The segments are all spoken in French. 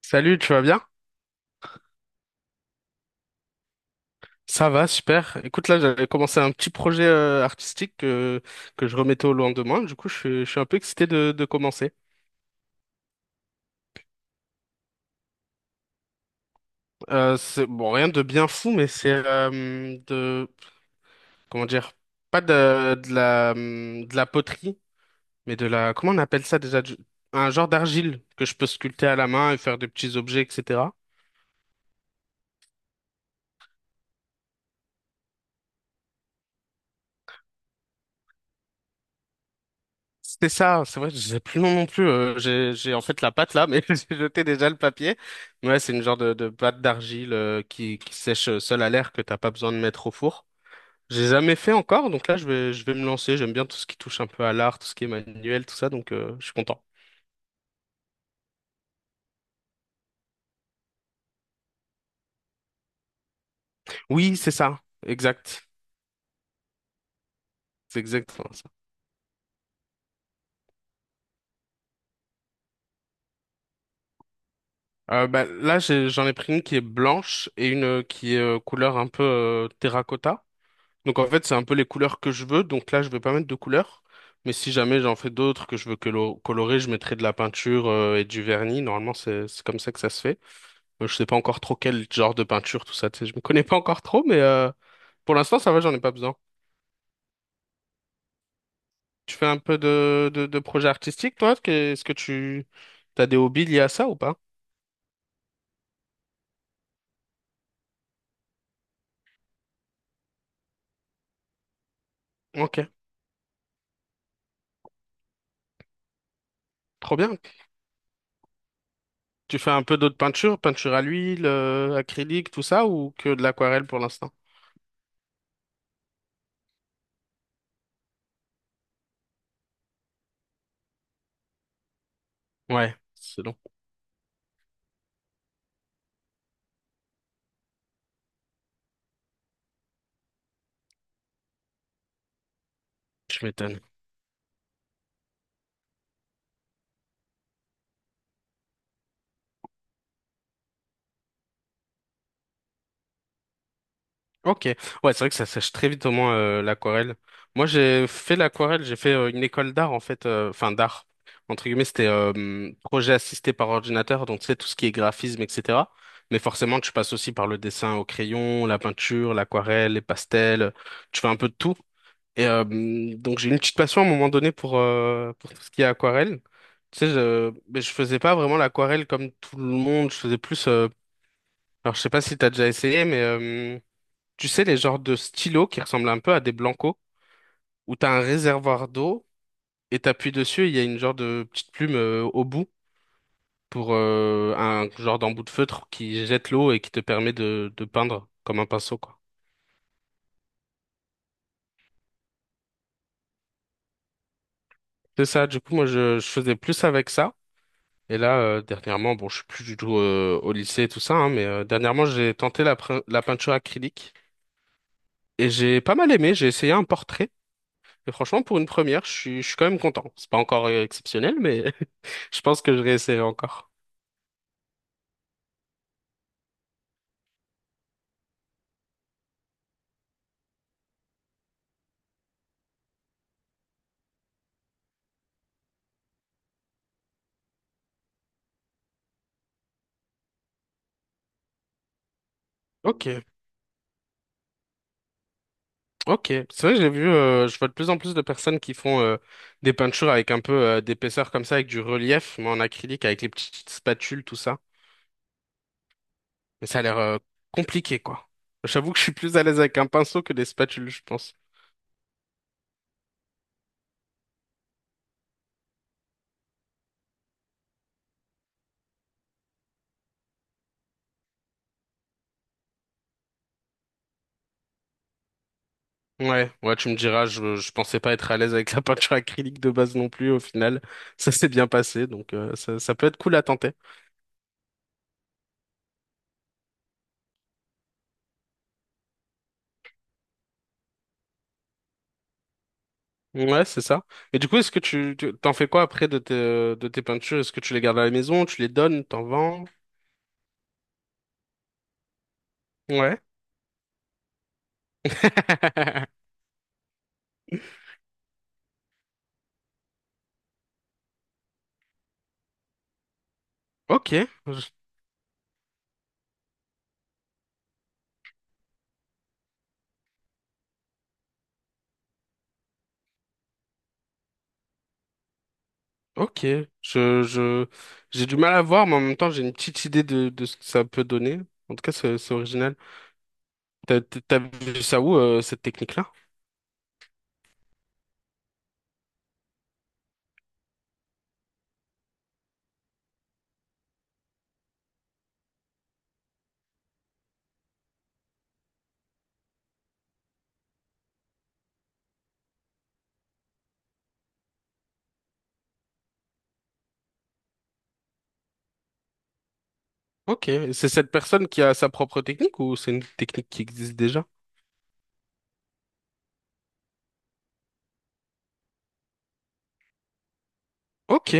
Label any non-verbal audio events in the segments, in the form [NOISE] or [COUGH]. Salut, tu vas bien? Ça va, super. Écoute, là, j'avais commencé un petit projet artistique que je remettais au lendemain. Du coup, je suis un peu excité de commencer. C'est bon, rien de bien fou, mais c'est de comment dire, pas de la de la poterie, mais de la comment on appelle ça déjà? Un genre d'argile que je peux sculpter à la main et faire des petits objets, etc. C'était ça, c'est vrai, je sais plus le nom non plus. J'ai en fait la pâte là, mais [LAUGHS] j'ai jeté déjà le papier. Mais ouais, c'est une genre de pâte d'argile qui sèche seule à l'air que t'as pas besoin de mettre au four. J'ai jamais fait encore, donc je vais me lancer. J'aime bien tout ce qui touche un peu à l'art, tout ce qui est manuel, tout ça, donc je suis content. Oui, c'est ça, exact, c'est exactement ça. Bah, là j'en ai pris une qui est blanche et une qui est couleur un peu terracotta. Donc en fait, c'est un peu les couleurs que je veux. Donc là, je vais pas mettre de couleurs. Mais si jamais j'en fais d'autres que je veux colorer, je mettrai de la peinture et du vernis. Normalement, c'est comme ça que ça se fait. Je sais pas encore trop quel genre de peinture, tout ça. Tu sais, je me connais pas encore trop, mais pour l'instant, ça va, j'en ai pas besoin. Tu fais un peu de projet artistique, toi? Est-ce que tu as des hobbies liés à ça ou pas? Ok, trop bien. Tu fais un peu d'autres peintures, peinture à l'huile, acrylique, tout ça, ou que de l'aquarelle pour l'instant? Ouais, c'est long. Je m'étonne. Ok, ouais, c'est vrai que ça sèche très vite au moins l'aquarelle. Moi, j'ai fait l'aquarelle, j'ai fait une école d'art en fait, enfin d'art entre guillemets, c'était projet assisté par ordinateur, donc tu sais tout ce qui est graphisme, etc. Mais forcément, tu passes aussi par le dessin au crayon, la peinture, l'aquarelle, les pastels, tu fais un peu de tout. Et donc j'ai une petite passion à un moment donné pour tout ce qui est aquarelle. Tu sais, je mais je faisais pas vraiment l'aquarelle comme tout le monde, je faisais plus. Alors, je sais pas si t'as déjà essayé, mais tu sais, les genres de stylos qui ressemblent un peu à des blancos, où t'as un réservoir d'eau et t'appuies dessus, et il y a une genre de petite plume au bout pour un genre d'embout de feutre qui jette l'eau et qui te permet de peindre comme un pinceau, quoi. C'est ça, du coup, je faisais plus avec ça. Et là, dernièrement, bon, je suis plus du tout au lycée et tout ça, hein, mais dernièrement, j'ai tenté la peinture acrylique et j'ai pas mal aimé. J'ai essayé un portrait. Et franchement, pour une première, je suis quand même content. C'est pas encore exceptionnel, mais [LAUGHS] je pense que je réessayerai encore. Ok, ok. C'est vrai que j'ai vu, je vois de plus en plus de personnes qui font des peintures avec un peu d'épaisseur comme ça, avec du relief, mais en acrylique, avec les petites spatules, tout ça. Mais ça a l'air compliqué, quoi. J'avoue que je suis plus à l'aise avec un pinceau que des spatules, je pense. Ouais, ouais, tu me diras, je pensais pas être à l'aise avec la [LAUGHS] peinture acrylique de base non plus, au final, ça s'est bien passé, donc ça peut être cool à tenter. Ouais, c'est ça. Et du coup, est-ce que t'en fais quoi après de tes peintures? Est-ce que tu les gardes à la maison, tu les donnes, t'en vends? Ouais. [LAUGHS] Ok, je- ok, je, j'ai du mal à voir, mais en même temps, j'ai une petite idée de ce que ça peut donner. En tout cas, c'est original. T'as t'as vu ça où, cette technique-là? Ok, et c'est cette personne qui a sa propre technique ou c'est une technique qui existe déjà? Ok,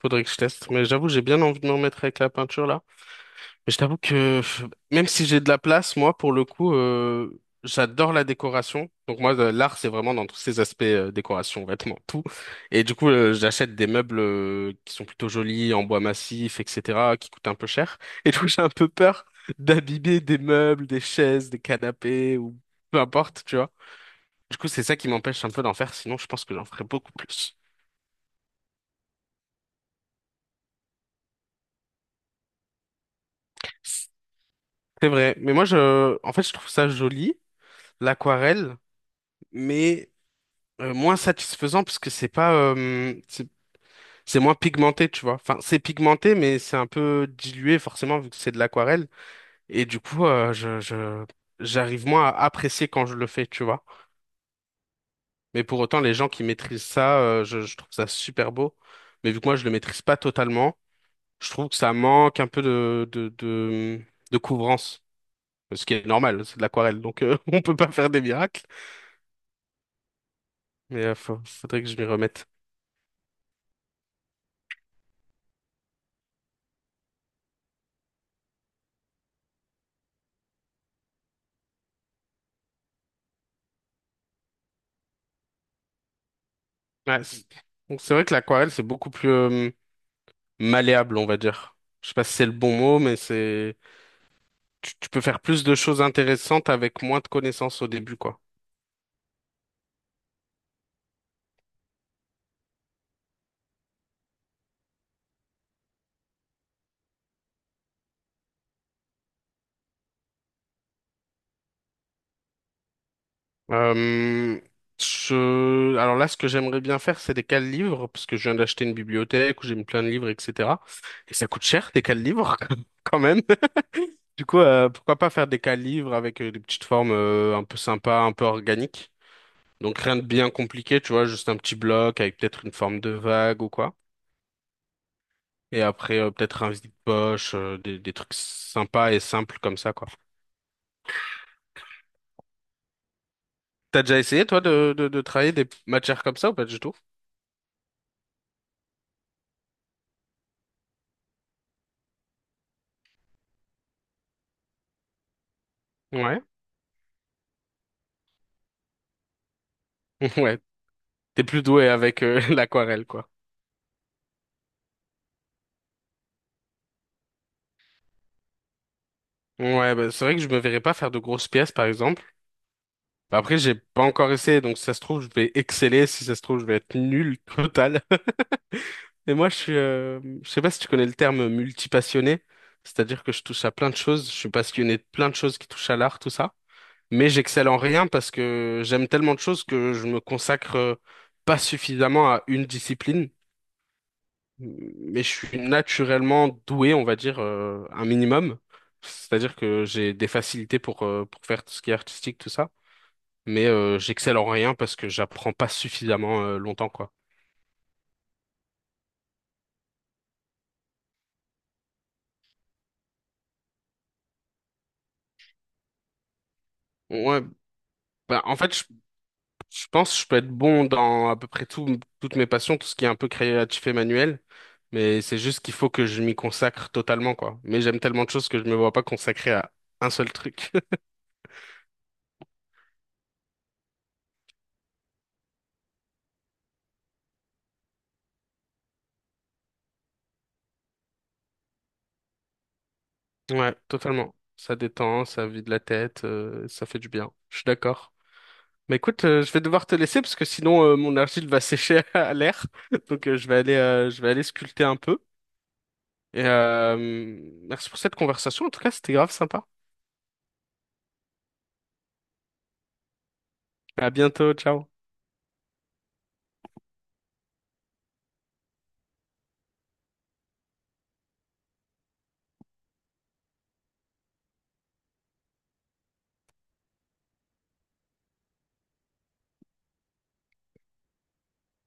faudrait que je teste, mais j'avoue, j'ai bien envie de me remettre avec la peinture là. Je t'avoue que pff, même si j'ai de la place, moi, pour le coup, j'adore la décoration. Donc moi, l'art, c'est vraiment dans tous ces aspects, décoration, vêtements, tout. Et du coup, j'achète des meubles, qui sont plutôt jolis, en bois massif, etc., qui coûtent un peu cher. Et du coup, j'ai un peu peur d'abîmer des meubles, des chaises, des canapés, ou peu importe, tu vois. Du coup, c'est ça qui m'empêche un peu d'en faire, sinon je pense que j'en ferais beaucoup plus. C'est vrai, mais moi, je, en fait, je trouve ça joli, l'aquarelle, mais moins satisfaisant parce que c'est pas c'est moins pigmenté, tu vois, enfin c'est pigmenté mais c'est un peu dilué forcément vu que c'est de l'aquarelle et du coup je j'arrive moins à apprécier quand je le fais, tu vois, mais pour autant les gens qui maîtrisent ça je trouve ça super beau, mais vu que moi je le maîtrise pas totalement, je trouve que ça manque un peu de couvrance, ce qui est normal, c'est de l'aquarelle, donc [LAUGHS] on peut pas faire des miracles, mais faudrait que je m'y remette. Ouais, c'est vrai que l'aquarelle c'est beaucoup plus malléable, on va dire. Je sais pas si c'est le bon mot, mais c'est tu peux faire plus de choses intéressantes avec moins de connaissances au début, quoi. Euh, je... Alors là, ce que j'aimerais bien faire, c'est des cales livres, parce que je viens d'acheter une bibliothèque où j'ai mis plein de livres, etc. Et ça coûte cher, des cales livres, [LAUGHS] quand même. Du coup, pourquoi pas faire des cales livres avec des petites formes un peu sympas, un peu organiques. Donc rien de bien compliqué, tu vois, juste un petit bloc avec peut-être une forme de vague ou quoi. Et après, peut-être un vide poche, des trucs sympas et simples comme ça, quoi. T'as déjà essayé, toi, de travailler des matières comme ça ou pas du tout? Ouais. [LAUGHS] Ouais. T'es plus doué avec [LAUGHS] l'aquarelle, quoi. Ouais, bah, c'est vrai que je me verrais pas faire de grosses pièces, par exemple. Bah, après, j'ai pas encore essayé, donc si ça se trouve, je vais exceller. Si ça se trouve, je vais être nul total. [LAUGHS] Et moi, je sais pas si tu connais le terme multipassionné. C'est-à-dire que je touche à plein de choses. Je suis passionné de plein de choses qui touchent à l'art, tout ça. Mais j'excelle en rien parce que j'aime tellement de choses que je me consacre pas suffisamment à une discipline. Mais je suis naturellement doué, on va dire, un minimum. C'est-à-dire que j'ai des facilités pour faire tout ce qui est artistique, tout ça. Mais j'excelle en rien parce que j'apprends pas suffisamment longtemps, quoi. Ouais, bah, en fait, je pense que je peux être bon dans à peu près tout, toutes mes passions, tout ce qui est un peu créatif et manuel, mais c'est juste qu'il faut que je m'y consacre totalement, quoi. Mais j'aime tellement de choses que je me vois pas consacrer à un seul truc. [LAUGHS] Ouais, totalement. Ça détend, ça vide la tête, ça fait du bien. Je suis d'accord. Mais écoute, je vais devoir te laisser parce que sinon mon argile va sécher [LAUGHS] à l'air. Donc je vais aller sculpter un peu. Et merci pour cette conversation. En tout cas, c'était grave sympa. À bientôt, ciao.